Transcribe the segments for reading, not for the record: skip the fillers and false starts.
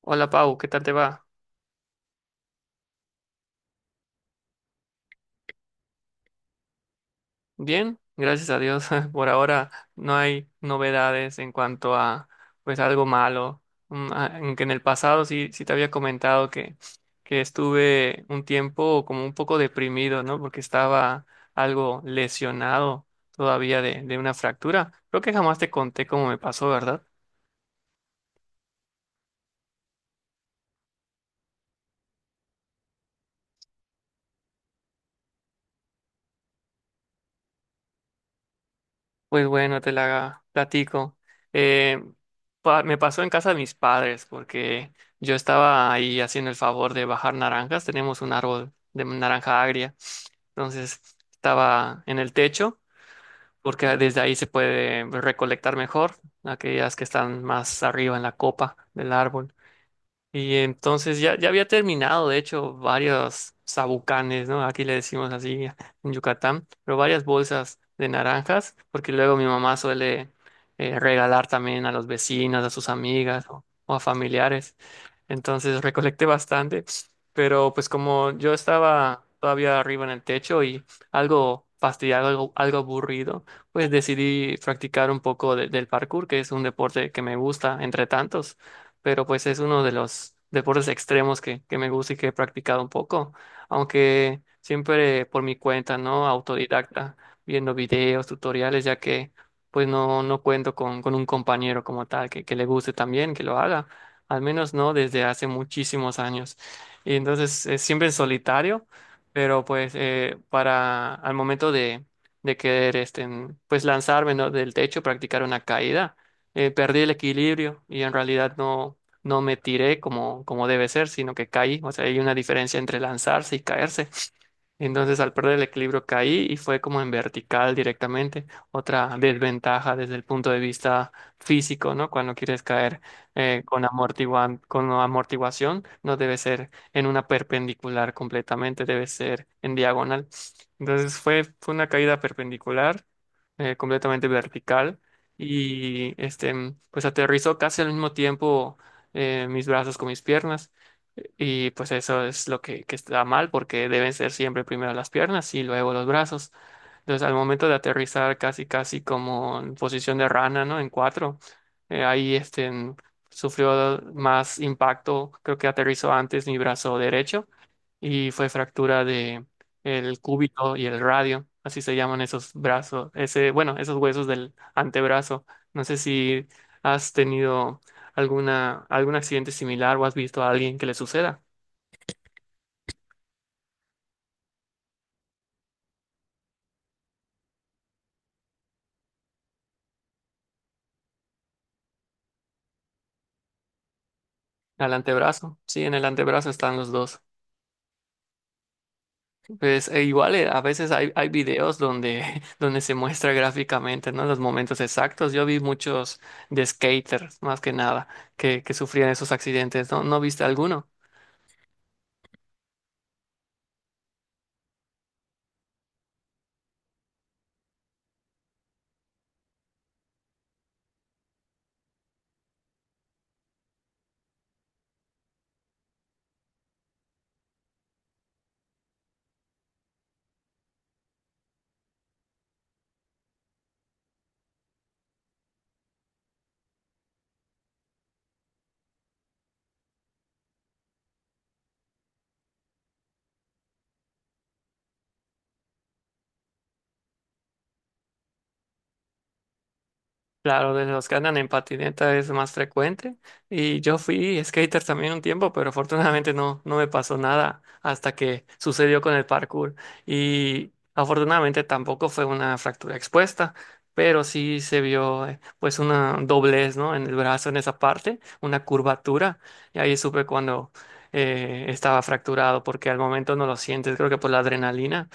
Hola, Pau, ¿qué tal te va? Bien, gracias a Dios. Por ahora no hay novedades en cuanto a pues algo malo. Aunque en el pasado sí te había comentado que estuve un tiempo como un poco deprimido, ¿no? Porque estaba algo lesionado todavía de una fractura. Creo que jamás te conté cómo me pasó, ¿verdad? Pues bueno, te la platico. Eh, Me pasó en casa de mis padres porque yo estaba ahí haciendo el favor de bajar naranjas. Tenemos un árbol de naranja agria. Entonces estaba en el techo porque desde ahí se puede recolectar mejor aquellas que están más arriba en la copa del árbol. Y entonces ya había terminado, de hecho, varios sabucanes, ¿no? Aquí le decimos así en Yucatán, pero varias bolsas de naranjas, porque luego mi mamá suele regalar también a los vecinos, a sus amigas o a familiares. Entonces recolecté bastante, pero pues como yo estaba todavía arriba en el techo y algo fastidiado, algo aburrido, pues decidí practicar un poco del parkour, que es un deporte que me gusta entre tantos. Pero pues es uno de los deportes extremos que me gusta y que he practicado un poco, aunque siempre por mi cuenta, ¿no? Autodidacta, viendo videos, tutoriales, ya que pues no cuento con un compañero como tal que le guste también, que lo haga, al menos no desde hace muchísimos años. Y entonces es siempre en solitario, pero pues para al momento de querer pues lanzarme, ¿no? Del techo, practicar una caída. Perdí el equilibrio y en realidad no me tiré como, como debe ser, sino que caí. O sea, hay una diferencia entre lanzarse y caerse. Entonces al perder el equilibrio caí y fue como en vertical directamente. Otra desventaja desde el punto de vista físico, ¿no? Cuando quieres caer con amortiguación, no debe ser en una perpendicular completamente, debe ser en diagonal. Entonces fue una caída perpendicular, completamente vertical. Y pues aterrizó casi al mismo tiempo mis brazos con mis piernas. Y pues eso es lo que está mal porque deben ser siempre primero las piernas y luego los brazos. Entonces al momento de aterrizar casi casi como en posición de rana, ¿no? En cuatro, eh, ahí este, en- sufrió más impacto, creo que aterrizó antes mi brazo derecho y fue fractura de el cúbito y el radio, así se llaman esos brazos, ese, bueno, esos huesos del antebrazo. No sé si has tenido algún accidente similar o has visto a alguien que le suceda. Al antebrazo, sí, en el antebrazo están los dos. Pues e igual a veces hay videos donde, donde se muestra gráficamente, ¿no? Los momentos exactos. Yo vi muchos de skaters, más que nada, que sufrían esos accidentes, ¿no? ¿No viste alguno? Claro, de los que andan en patineta es más frecuente. Y yo fui skater también un tiempo, pero afortunadamente no me pasó nada hasta que sucedió con el parkour. Y afortunadamente tampoco fue una fractura expuesta, pero sí se vio pues una doblez, ¿no? En el brazo, en esa parte, una curvatura. Y ahí supe cuando estaba fracturado, porque al momento no lo sientes, creo que por la adrenalina,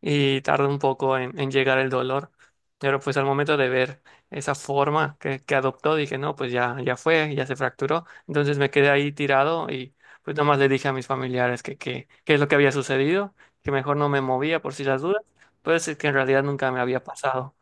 y tarda un poco en llegar el dolor. Pero pues al momento de ver esa forma que adoptó, dije, no, pues ya fue, ya se fracturó. Entonces me quedé ahí tirado y pues nomás le dije a mis familiares qué es lo que había sucedido, que mejor no me movía por si las dudas, pues es que en realidad nunca me había pasado.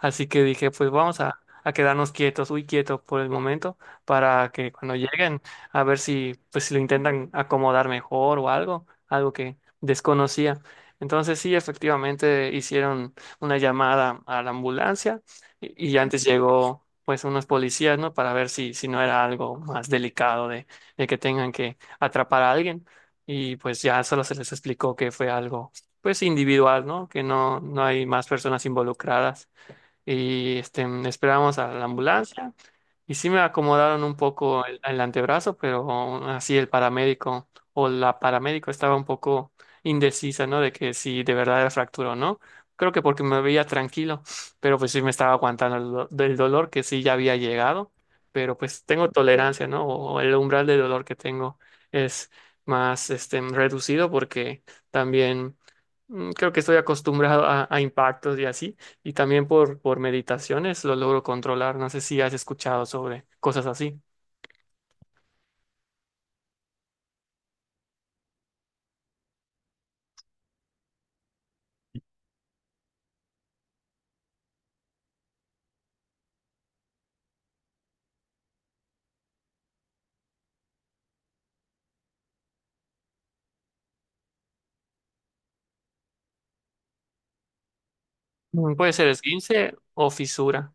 Así que dije, pues vamos a quedarnos quietos, muy quietos por el momento, para que cuando lleguen, a ver si, pues, si lo intentan acomodar mejor o algo, algo que desconocía. Entonces sí, efectivamente hicieron una llamada a la ambulancia y antes llegó pues unos policías, ¿no? Para ver si, si no era algo más delicado de que tengan que atrapar a alguien. Y pues ya solo se les explicó que fue algo pues individual, ¿no? Que no hay más personas involucradas y esperábamos a la ambulancia y sí me acomodaron un poco el antebrazo, pero aún así el paramédico o la paramédico estaba un poco indecisa, ¿no? De que si de verdad era fractura o no. Creo que porque me veía tranquilo, pero pues sí me estaba aguantando el del dolor que sí ya había llegado, pero pues tengo tolerancia, ¿no? O el umbral de dolor que tengo es más reducido porque también creo que estoy acostumbrado a impactos y así. Y también por meditaciones lo logro controlar. No sé si has escuchado sobre cosas así. Mm, puede ser esguince o fisura.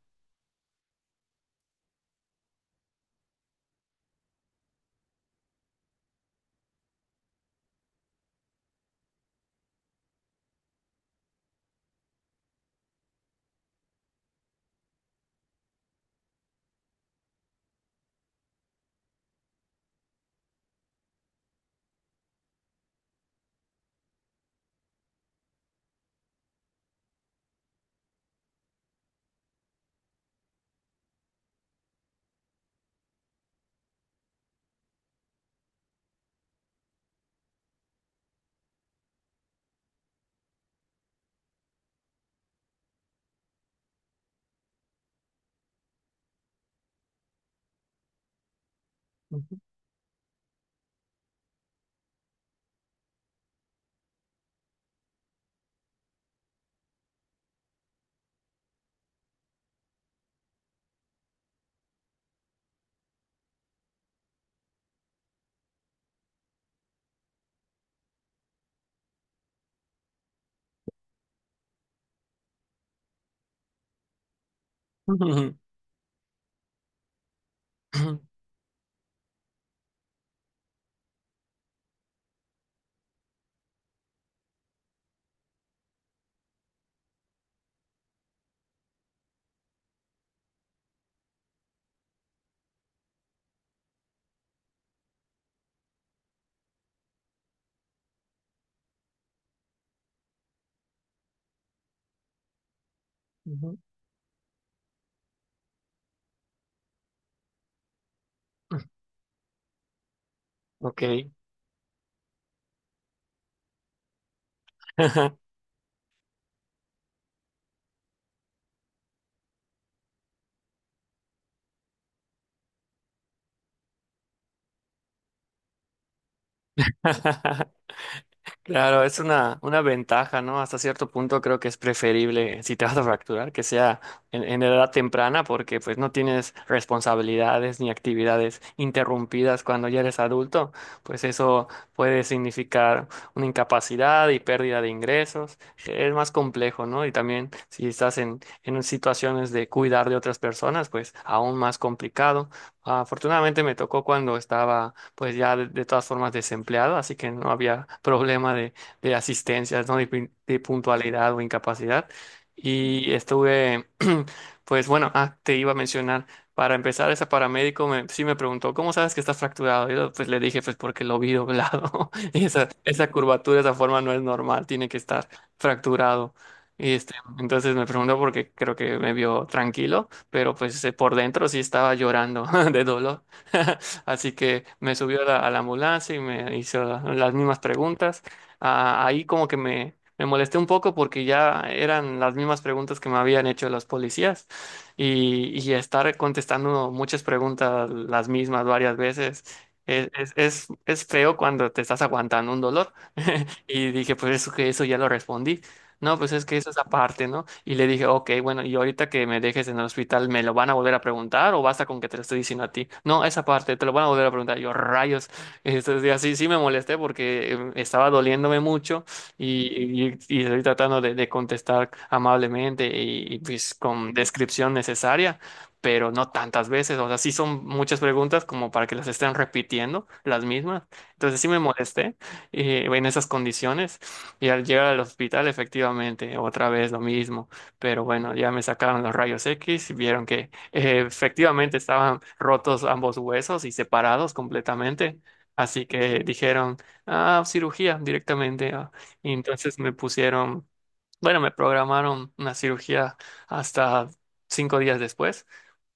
Ujú. Ujú. Ujú. Ok. Claro, es una ventaja, ¿no? Hasta cierto punto creo que es preferible, si te vas a fracturar, que sea en edad temprana, porque pues no tienes responsabilidades ni actividades interrumpidas cuando ya eres adulto, pues eso puede significar una incapacidad y pérdida de ingresos. Es más complejo, ¿no? Y también si estás en situaciones de cuidar de otras personas, pues aún más complicado. Afortunadamente me tocó cuando estaba pues ya de todas formas desempleado, así que no había problema de asistencias, ¿no? De puntualidad o incapacidad. Y estuve, pues bueno, ah, te iba a mencionar, para empezar, ese paramédico me, sí me preguntó, ¿cómo sabes que estás fracturado? Yo pues le dije, pues porque lo vi doblado. Y esa curvatura, esa forma no es normal, tiene que estar fracturado. Y entonces me preguntó porque creo que me vio tranquilo, pero pues por dentro sí estaba llorando de dolor. Así que me subió a a la ambulancia y me hizo las mismas preguntas. Ah, ahí como que me molesté un poco porque ya eran las mismas preguntas que me habían hecho los policías y estar contestando muchas preguntas las mismas varias veces. Es feo cuando te estás aguantando un dolor. Y dije, pues eso, que eso ya lo respondí. No, pues es que esa es aparte, ¿no? Y le dije, ok, bueno, y ahorita que me dejes en el hospital, ¿me lo van a volver a preguntar o basta con que te lo estoy diciendo a ti? No, esa parte, te lo van a volver a preguntar. Yo, rayos. Entonces, así sí me molesté porque estaba doliéndome mucho y estoy tratando de contestar amablemente pues con descripción necesaria, pero no tantas veces. O sea, sí son muchas preguntas como para que las estén repitiendo las mismas. Entonces, sí me molesté en esas condiciones. Y al llegar al hospital, efectivamente, otra vez lo mismo. Pero bueno, ya me sacaron los rayos X y vieron que efectivamente estaban rotos ambos huesos y separados completamente. Así que dijeron, ah, cirugía directamente. Ah. Y entonces me pusieron bueno, me programaron una cirugía hasta 5 días después.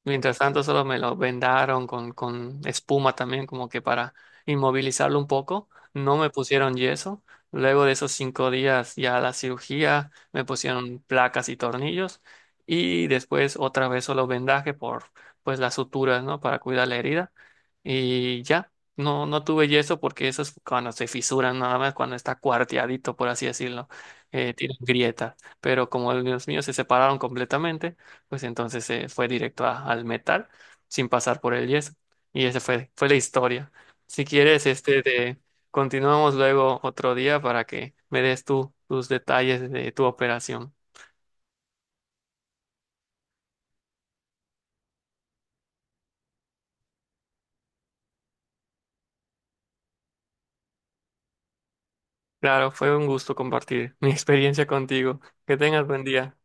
Mientras tanto, solo me lo vendaron con espuma también, como que para inmovilizarlo un poco. No me pusieron yeso. Luego de esos 5 días ya la cirugía, me pusieron placas y tornillos. Y después otra vez solo vendaje por pues las suturas, ¿no? Para cuidar la herida. Y ya, no tuve yeso porque eso es cuando se fisuran, nada más cuando está cuarteadito, por así decirlo tienen grietas, pero como los míos se separaron completamente, pues entonces se fue directo al metal sin pasar por el yeso. Y esa fue la historia. Si quieres, este de, continuamos luego otro día para que me des tú tus detalles de tu operación. Claro, fue un gusto compartir mi experiencia contigo. Que tengas buen día.